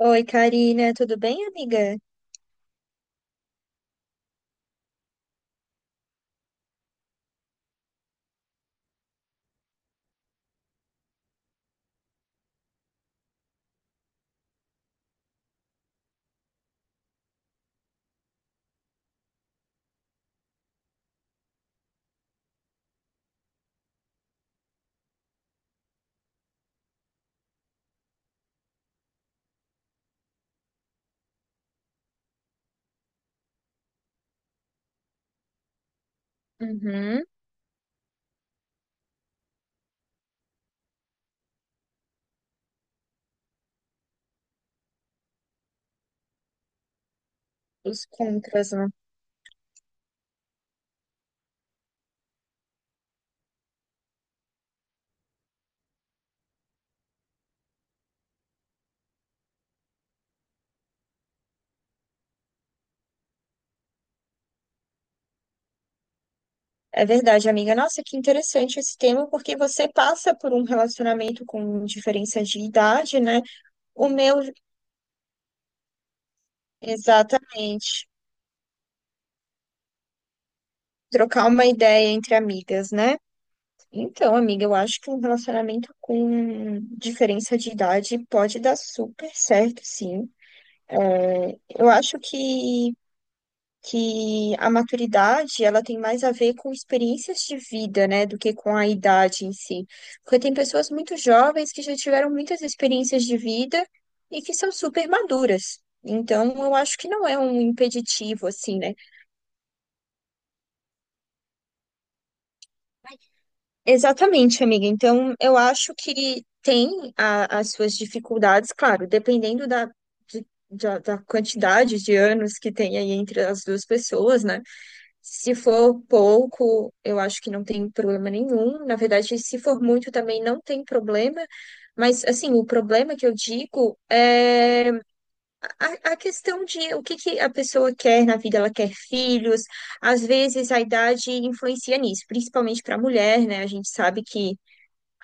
Oi, Karina, tudo bem, amiga? Uhum, os contras, né? É verdade, amiga. Nossa, que interessante esse tema, porque você passa por um relacionamento com diferença de idade, né? O meu, exatamente. Trocar uma ideia entre amigas, né? Então, amiga, eu acho que um relacionamento com diferença de idade pode dar super certo, sim. É, eu acho que a maturidade ela tem mais a ver com experiências de vida, né, do que com a idade em si. Porque tem pessoas muito jovens que já tiveram muitas experiências de vida e que são super maduras. Então, eu acho que não é um impeditivo, assim, né? Exatamente, amiga. Então, eu acho que tem as suas dificuldades, claro, dependendo da quantidade de anos que tem aí entre as duas pessoas, né? Se for pouco, eu acho que não tem problema nenhum. Na verdade, se for muito também não tem problema. Mas, assim, o problema que eu digo é a questão de o que que a pessoa quer na vida. Ela quer filhos. Às vezes, a idade influencia nisso, principalmente para a mulher, né? A gente sabe que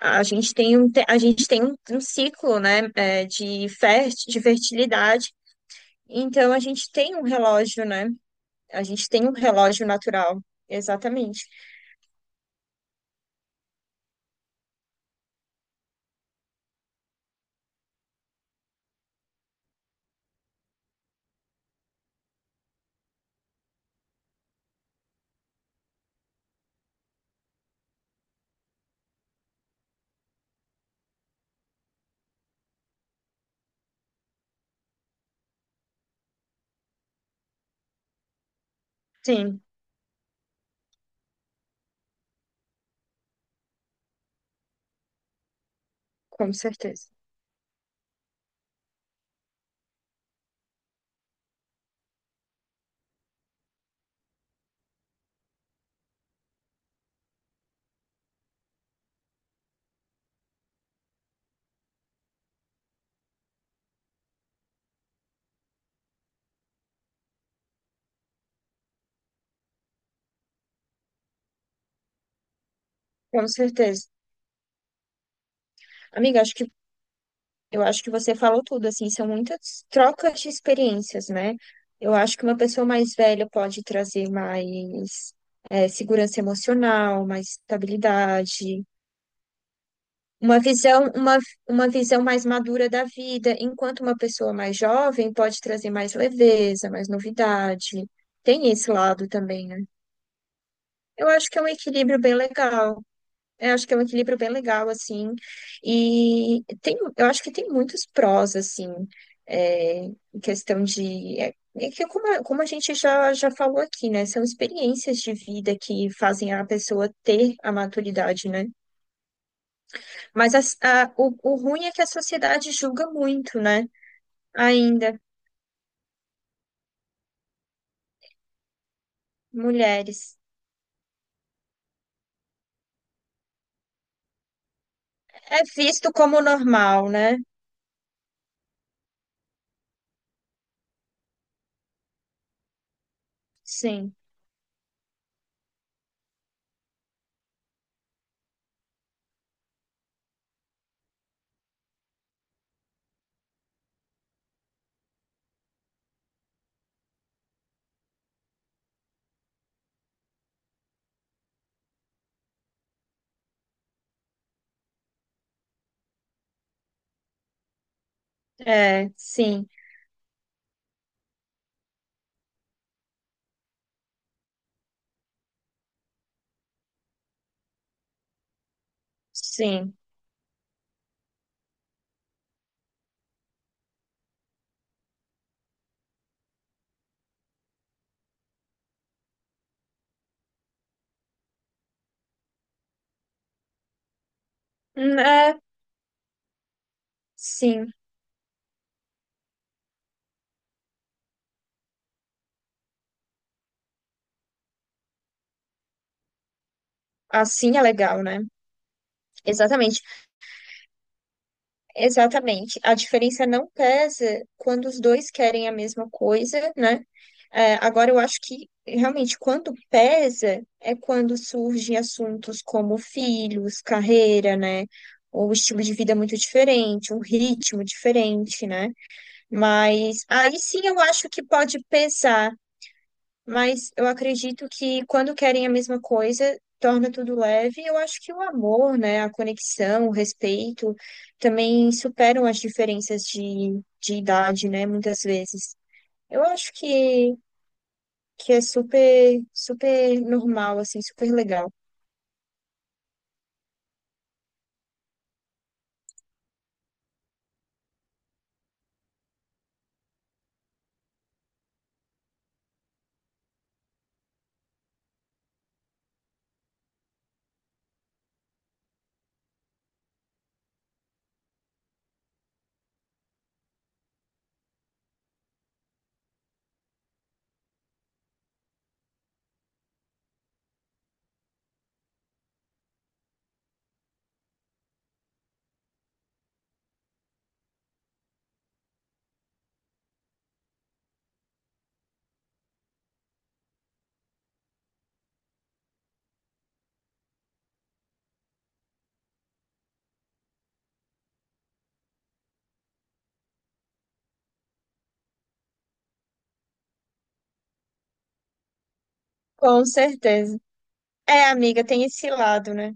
a gente tem um, te- a gente tem um, um ciclo, né, de fertilidade. Então, a gente tem um relógio, né? A gente tem um relógio natural. Exatamente. Sim, com certeza. Com certeza. Amiga, acho que eu acho que você falou tudo, assim, são muitas trocas de experiências, né? Eu acho que uma pessoa mais velha pode trazer mais segurança emocional, mais estabilidade, uma visão, uma, uma visão mais madura da vida, enquanto uma pessoa mais jovem pode trazer mais leveza, mais novidade. Tem esse lado também, né? Eu acho que é um equilíbrio bem legal. Eu acho que é um equilíbrio bem legal, assim. E tem, eu acho que tem muitos prós, assim, é, em questão de. É, é que como, como a gente já falou aqui, né? São experiências de vida que fazem a pessoa ter a maturidade, né? Mas o ruim é que a sociedade julga muito, né? Ainda, mulheres. É visto como normal, né? Sim, é, sim, sim. É, sim. Assim é legal, né? Exatamente. Exatamente. A diferença não pesa quando os dois querem a mesma coisa, né? É, agora, eu acho que realmente quando pesa é quando surgem assuntos como filhos, carreira, né? Ou estilo de vida muito diferente, um ritmo diferente, né? Mas aí sim eu acho que pode pesar. Mas eu acredito que quando querem a mesma coisa, torna tudo leve. Eu acho que o amor, né, a conexão, o respeito também superam as diferenças de idade, né, muitas vezes. Eu acho que é super, super normal, assim, super legal. Com certeza. É, amiga, tem esse lado, né?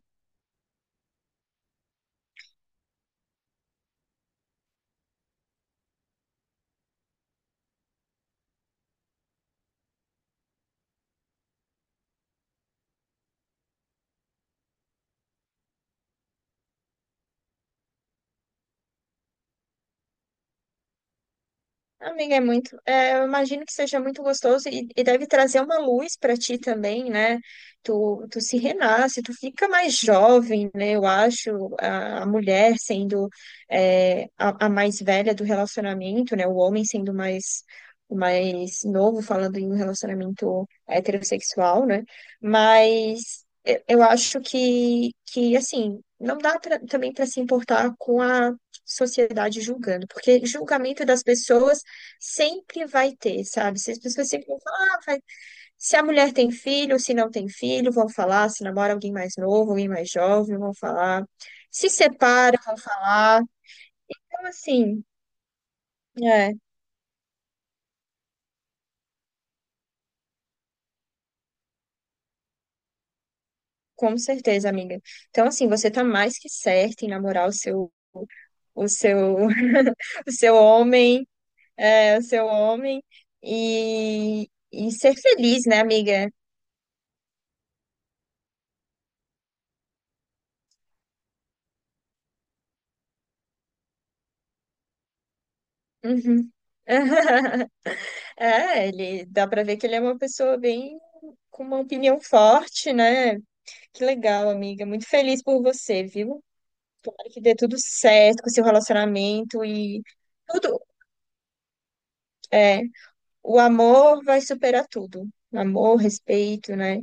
Amiga, é muito. Eu imagino que seja muito gostoso e deve trazer uma luz para ti também, né? Tu se renasce, tu fica mais jovem, né? Eu acho, a mulher sendo a mais velha do relacionamento, né? O homem sendo mais, o mais novo, falando em um relacionamento heterossexual, né? Mas eu acho que, assim, não dá também para se importar com a sociedade julgando, porque julgamento das pessoas sempre vai ter, sabe? Se as pessoas sempre vão falar, ah, se a mulher tem filho, se não tem filho, vão falar, se namora alguém mais novo, alguém mais jovem, vão falar. Se separa, vão falar. Então, assim, é, com certeza, amiga. Então, assim, você tá mais que certa em namorar o seu o seu homem, é, o seu homem e ser feliz, né, amiga? Uhum. É, ele dá pra ver que ele é uma pessoa bem com uma opinião forte, né? Que legal, amiga. Muito feliz por você, viu? Tomara que dê tudo certo com o seu relacionamento e tudo. É, o amor vai superar tudo. Amor, respeito, né?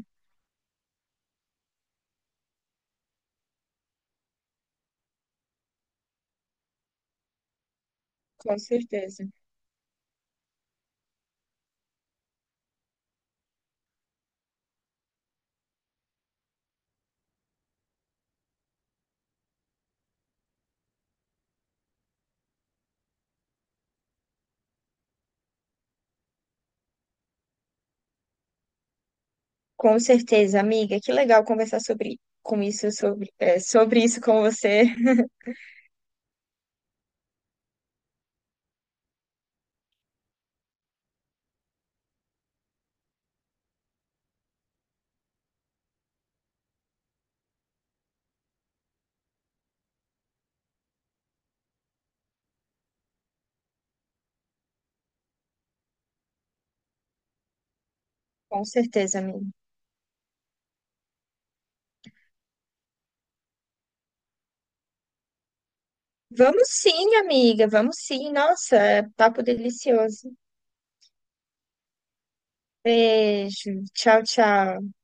Com certeza. Com certeza, amiga. Que legal conversar sobre com isso, sobre, é, sobre isso com você. Com certeza, amiga. Vamos sim, amiga. Vamos sim. Nossa, é papo delicioso. Beijo. Tchau, tchau.